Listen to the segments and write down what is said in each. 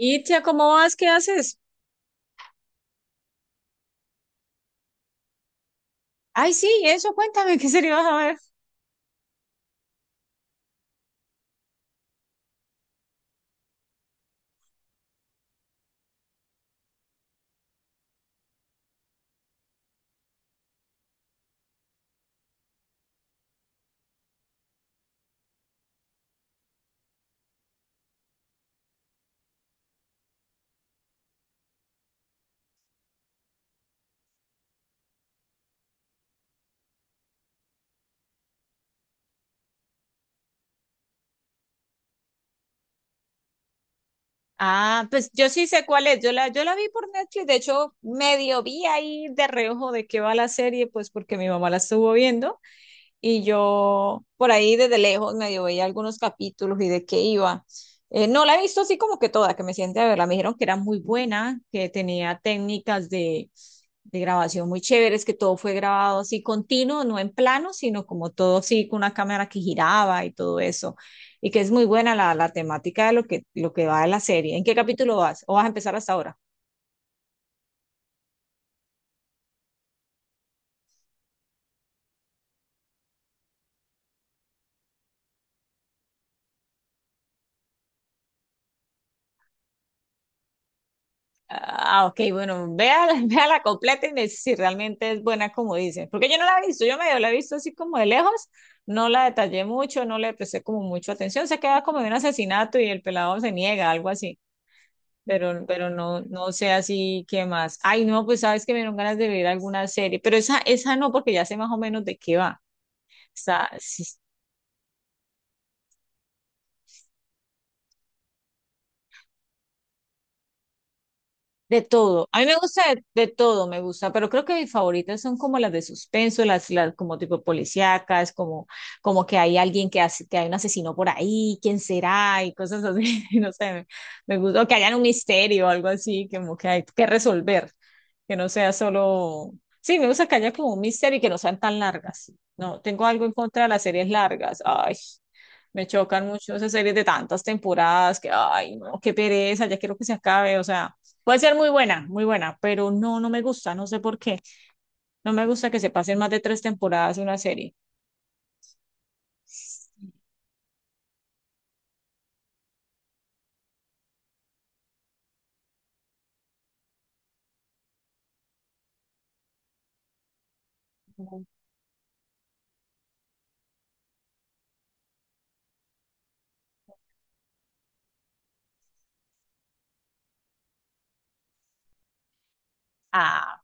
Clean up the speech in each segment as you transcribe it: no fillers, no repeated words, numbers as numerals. Itzia, ¿cómo vas? ¿Qué haces? Ay, sí, eso, cuéntame, ¿qué serie vas a ver? Ah, pues yo sí sé cuál es. Yo la vi por Netflix, de hecho, medio vi ahí de reojo de qué va la serie, pues porque mi mamá la estuvo viendo. Y yo por ahí desde lejos medio veía algunos capítulos y de qué iba. No la he visto así como que toda, que me siente a verla. Me dijeron que era muy buena, que tenía técnicas de grabación muy chéveres, que todo fue grabado así continuo, no en plano, sino como todo así con una cámara que giraba y todo eso. Y que es muy buena la temática de lo lo que va de la serie. ¿En qué capítulo vas? ¿O vas a empezar hasta ahora? Ah, ok, bueno, vea, vea la completa y me dice si realmente es buena como dicen. Porque yo no la he visto, yo medio la he visto así como de lejos, no la detallé mucho, no le presté como mucho atención. Se queda como de un asesinato y el pelado se niega, algo así. Pero no, no sé así qué más. Ay, no, pues sabes que me dieron ganas de ver alguna serie, pero esa no, porque ya sé más o menos de qué va. O de todo. A mí me gusta de todo, me gusta, pero creo que mis favoritas son como las de suspenso, las como tipo policíacas, como, como que hay alguien que hace, que hay un asesino por ahí, quién será y cosas así, no sé, me gusta, o que hayan un misterio o algo así, como que hay que resolver, que no sea solo, sí, me gusta que haya como un misterio y que no sean tan largas. No, tengo algo en contra de las series largas. Ay. Me chocan mucho esas series de tantas temporadas que, ay, no, qué pereza, ya quiero que se acabe. O sea, puede ser muy buena, pero no, no me gusta, no sé por qué. No me gusta que se pasen más de tres temporadas de una serie. Ah,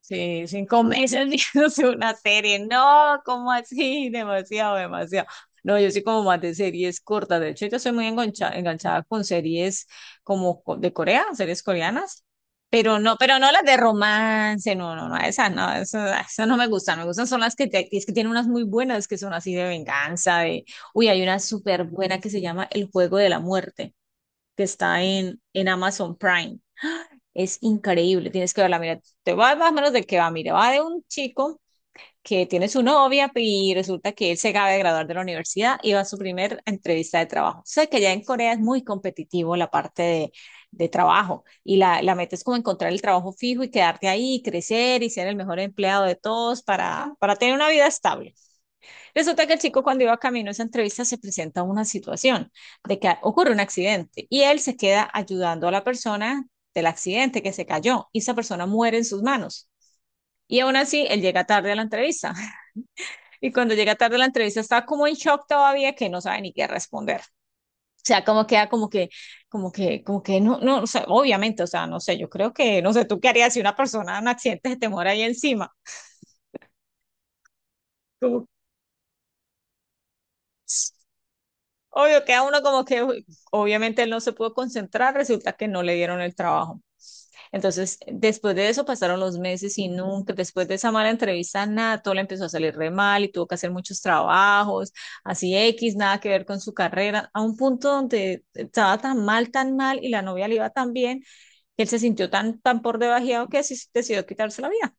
sí, cinco meses viéndose una serie. No, ¿cómo así? Demasiado, demasiado. No, yo soy como más de series cortas. De hecho, yo soy muy enganchada con series como de Corea, series coreanas. Pero no las de romance, no, no, no, esas no, esas, esas no me gustan. Me gustan son las que, es que tienen unas muy buenas que son así de venganza, de, uy, hay una súper buena que se llama El Juego de la Muerte, que está en Amazon Prime. Es increíble, tienes que verla. Mira, te va más o menos de qué va. Mira, va de un chico que tiene su novia y resulta que él se acaba de graduar de la universidad y va a su primer entrevista de trabajo. Sé que ya en Corea es muy competitivo la parte de trabajo y la meta es como encontrar el trabajo fijo y quedarte ahí, crecer y ser el mejor empleado de todos para tener una vida estable. Resulta que el chico cuando iba camino a esa entrevista se presenta una situación de que ocurre un accidente y él se queda ayudando a la persona del accidente que se cayó y esa persona muere en sus manos. Y aún así, él llega tarde a la entrevista. Y cuando llega tarde a la entrevista está como en shock todavía que no sabe ni qué responder. O sea, como queda como que, como que, como que no, no, o sea, obviamente, o sea, no sé, yo creo que, no sé, tú qué harías si una persona en un accidente se te muere ahí encima. Como, obvio, queda uno como que uy, obviamente él no se pudo concentrar, resulta que no le dieron el trabajo. Entonces, después de eso pasaron los meses y nunca, después de esa mala entrevista, nada, todo le empezó a salir re mal y tuvo que hacer muchos trabajos, así X, nada que ver con su carrera, a un punto donde estaba tan mal y la novia le iba tan bien, que él se sintió tan, tan por debajeado que así decidió quitarse la vida,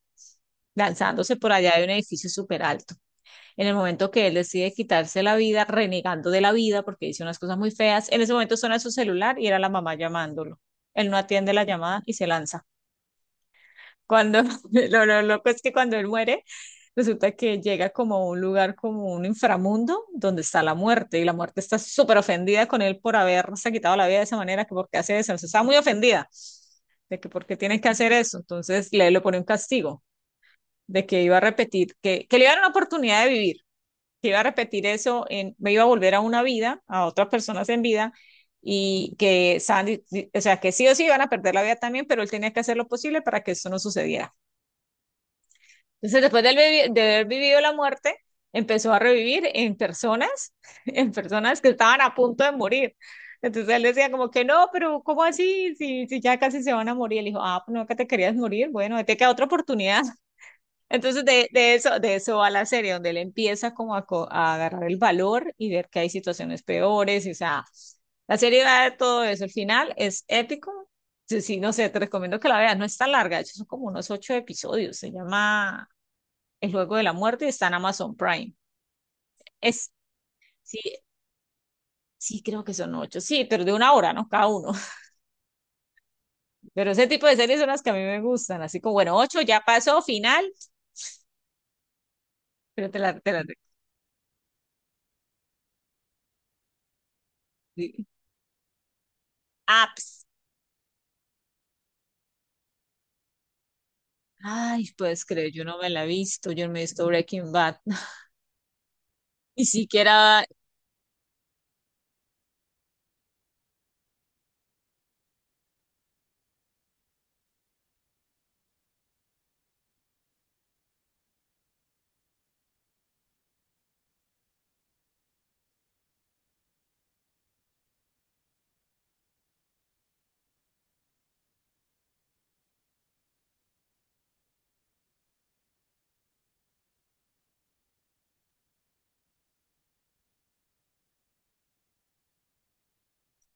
lanzándose por allá de un edificio súper alto. En el momento que él decide quitarse la vida, renegando de la vida porque dice unas cosas muy feas, en ese momento suena su celular y era la mamá llamándolo. Él no atiende la llamada y se lanza. Cuando lo loco es que cuando él muere, resulta que llega como a un lugar, como un inframundo, donde está la muerte y la muerte está súper ofendida con él por haberse quitado la vida de esa manera, que porque hace eso, o sea, está muy ofendida de que por qué tienen que hacer eso. Entonces le pone un castigo de que iba a repetir, que le iba a dar una oportunidad de vivir que iba a repetir eso, en, me iba a volver a una vida, a otras personas en vida, y que Sandy, o sea, que sí o sí iban a perder la vida también, pero él tenía que hacer lo posible para que eso no sucediera. Entonces, después de haber vivido la muerte, empezó a revivir en personas, en personas que estaban a punto de morir. Entonces él decía como que no, pero ¿cómo así? Si ya casi se van a morir. Él dijo, ah, pues no, que te querías morir. Bueno, te queda otra oportunidad. Entonces de eso va la serie, donde él empieza como a, a agarrar el valor y ver que hay situaciones peores, o sea, la serie va de todo eso, el final es épico, sí, sí, no sé, te recomiendo que la veas, no es tan larga, de hecho son como unos ocho episodios, se llama El Juego de la Muerte y está en Amazon Prime, es, sí, sí creo que son ocho, sí, pero de una hora, ¿no? Cada uno, pero ese tipo de series son las que a mí me gustan, así como, bueno, ocho ya pasó, final, pero te la, sí. Ah, pues. Ay, ¿puedes creer? Yo no me la he visto, yo no me he visto Breaking Bad, ni siquiera,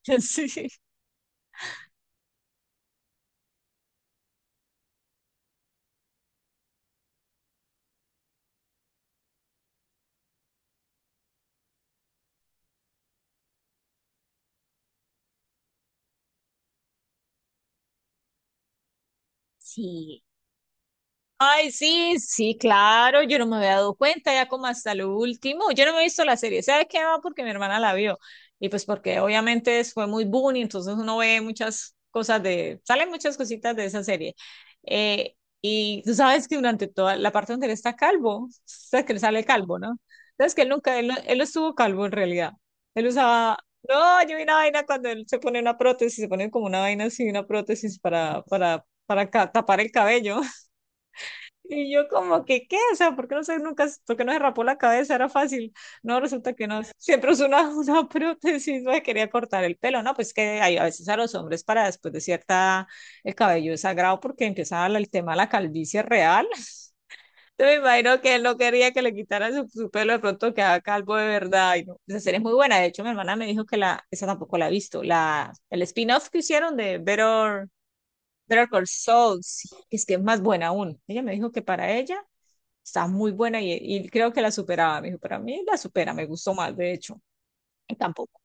sí, sí, ay, sí, sí, claro, yo no me había dado cuenta ya como hasta lo último. Yo no me he visto la serie, ¿sabes qué? Ah, porque mi hermana la vio. Y pues porque obviamente fue muy boom y entonces uno ve muchas cosas de, salen muchas cositas de esa serie. Eh, y tú sabes que durante toda la parte donde él está calvo, sabes que le sale calvo, ¿no? Sabes que él nunca, él no estuvo calvo en realidad. Él usaba, no, yo vi una vaina cuando él se pone una prótesis, se pone como una vaina así, una prótesis para, ca- tapar el cabello. Y yo como que, ¿qué? O sea, ¿por qué no se, nunca, por qué no se rapó la cabeza? Era fácil. No, resulta que no. Siempre usó una, una prótesis, me quería cortar el pelo, ¿no? Pues que hay a veces a los hombres para después de cierta, el cabello es sagrado porque empieza el tema de la calvicie real. Entonces me imagino que él no quería que le quitaran su pelo, de pronto quedaba calvo de verdad. Y no. Esa serie es muy buena. De hecho, mi hermana me dijo que la, esa tampoco la ha visto. La, el spin-off que hicieron de Better, Better Call Saul, sí, es que es más buena aún. Ella me dijo que para ella está muy buena y creo que la superaba. Me dijo, para mí la supera, me gustó más, de hecho. Y tampoco,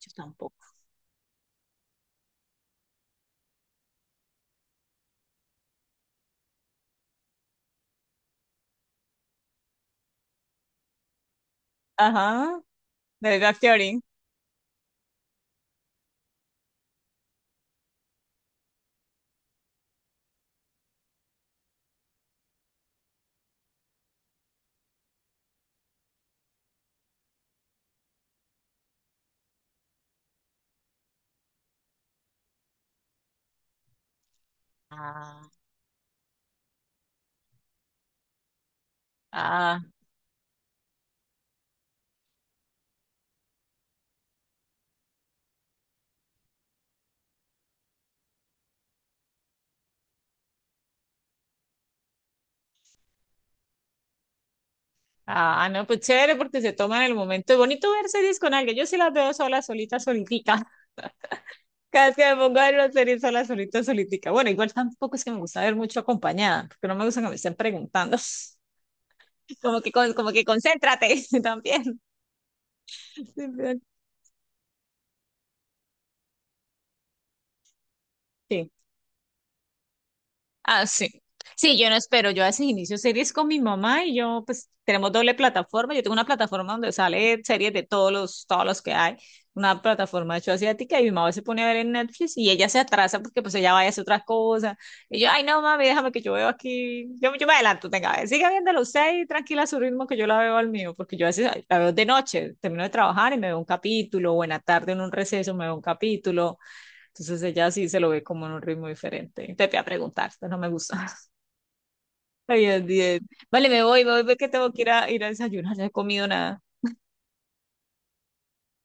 yo tampoco. Ajá, de verdad, Theory. Ah, ah, ah, no, pues chévere porque se toman el momento. Es bonito ver series con alguien. Yo sí las veo sola, solita, solitica. Cada vez que me pongo a ver una serie sola, solita, solitica. Bueno, igual tampoco es que me gusta ver mucho acompañada, porque no me gusta que me estén preguntando. Como que, con- como que concéntrate también. Sí. Ah, sí. Sí, yo no espero. Yo a veces inicio series con mi mamá y yo, pues, tenemos doble plataforma. Yo tengo una plataforma donde sale series de todos todos los que hay. Una plataforma de hecho asiática y mi mamá se pone a ver en Netflix y ella se atrasa porque pues ella vaya a hacer otras cosas. Y yo, ay no, mami, déjame que yo veo aquí. Yo me adelanto, tenga, a ver, siga viéndolo usted y tranquila a su ritmo que yo la veo al mío, porque yo a veces la veo de noche, termino de trabajar y me veo un capítulo, o en la tarde en un receso me veo un capítulo, entonces ella sí se lo ve como en un ritmo diferente. Te voy a preguntar, esto no me gusta. Bien, bien. Vale, me voy porque tengo que ir ir a desayunar, no he comido nada.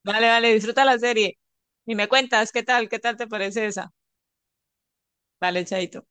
Vale, vale, disfruta la serie. Y me cuentas, ¿qué tal? ¿Qué tal te parece esa? Vale, chaito.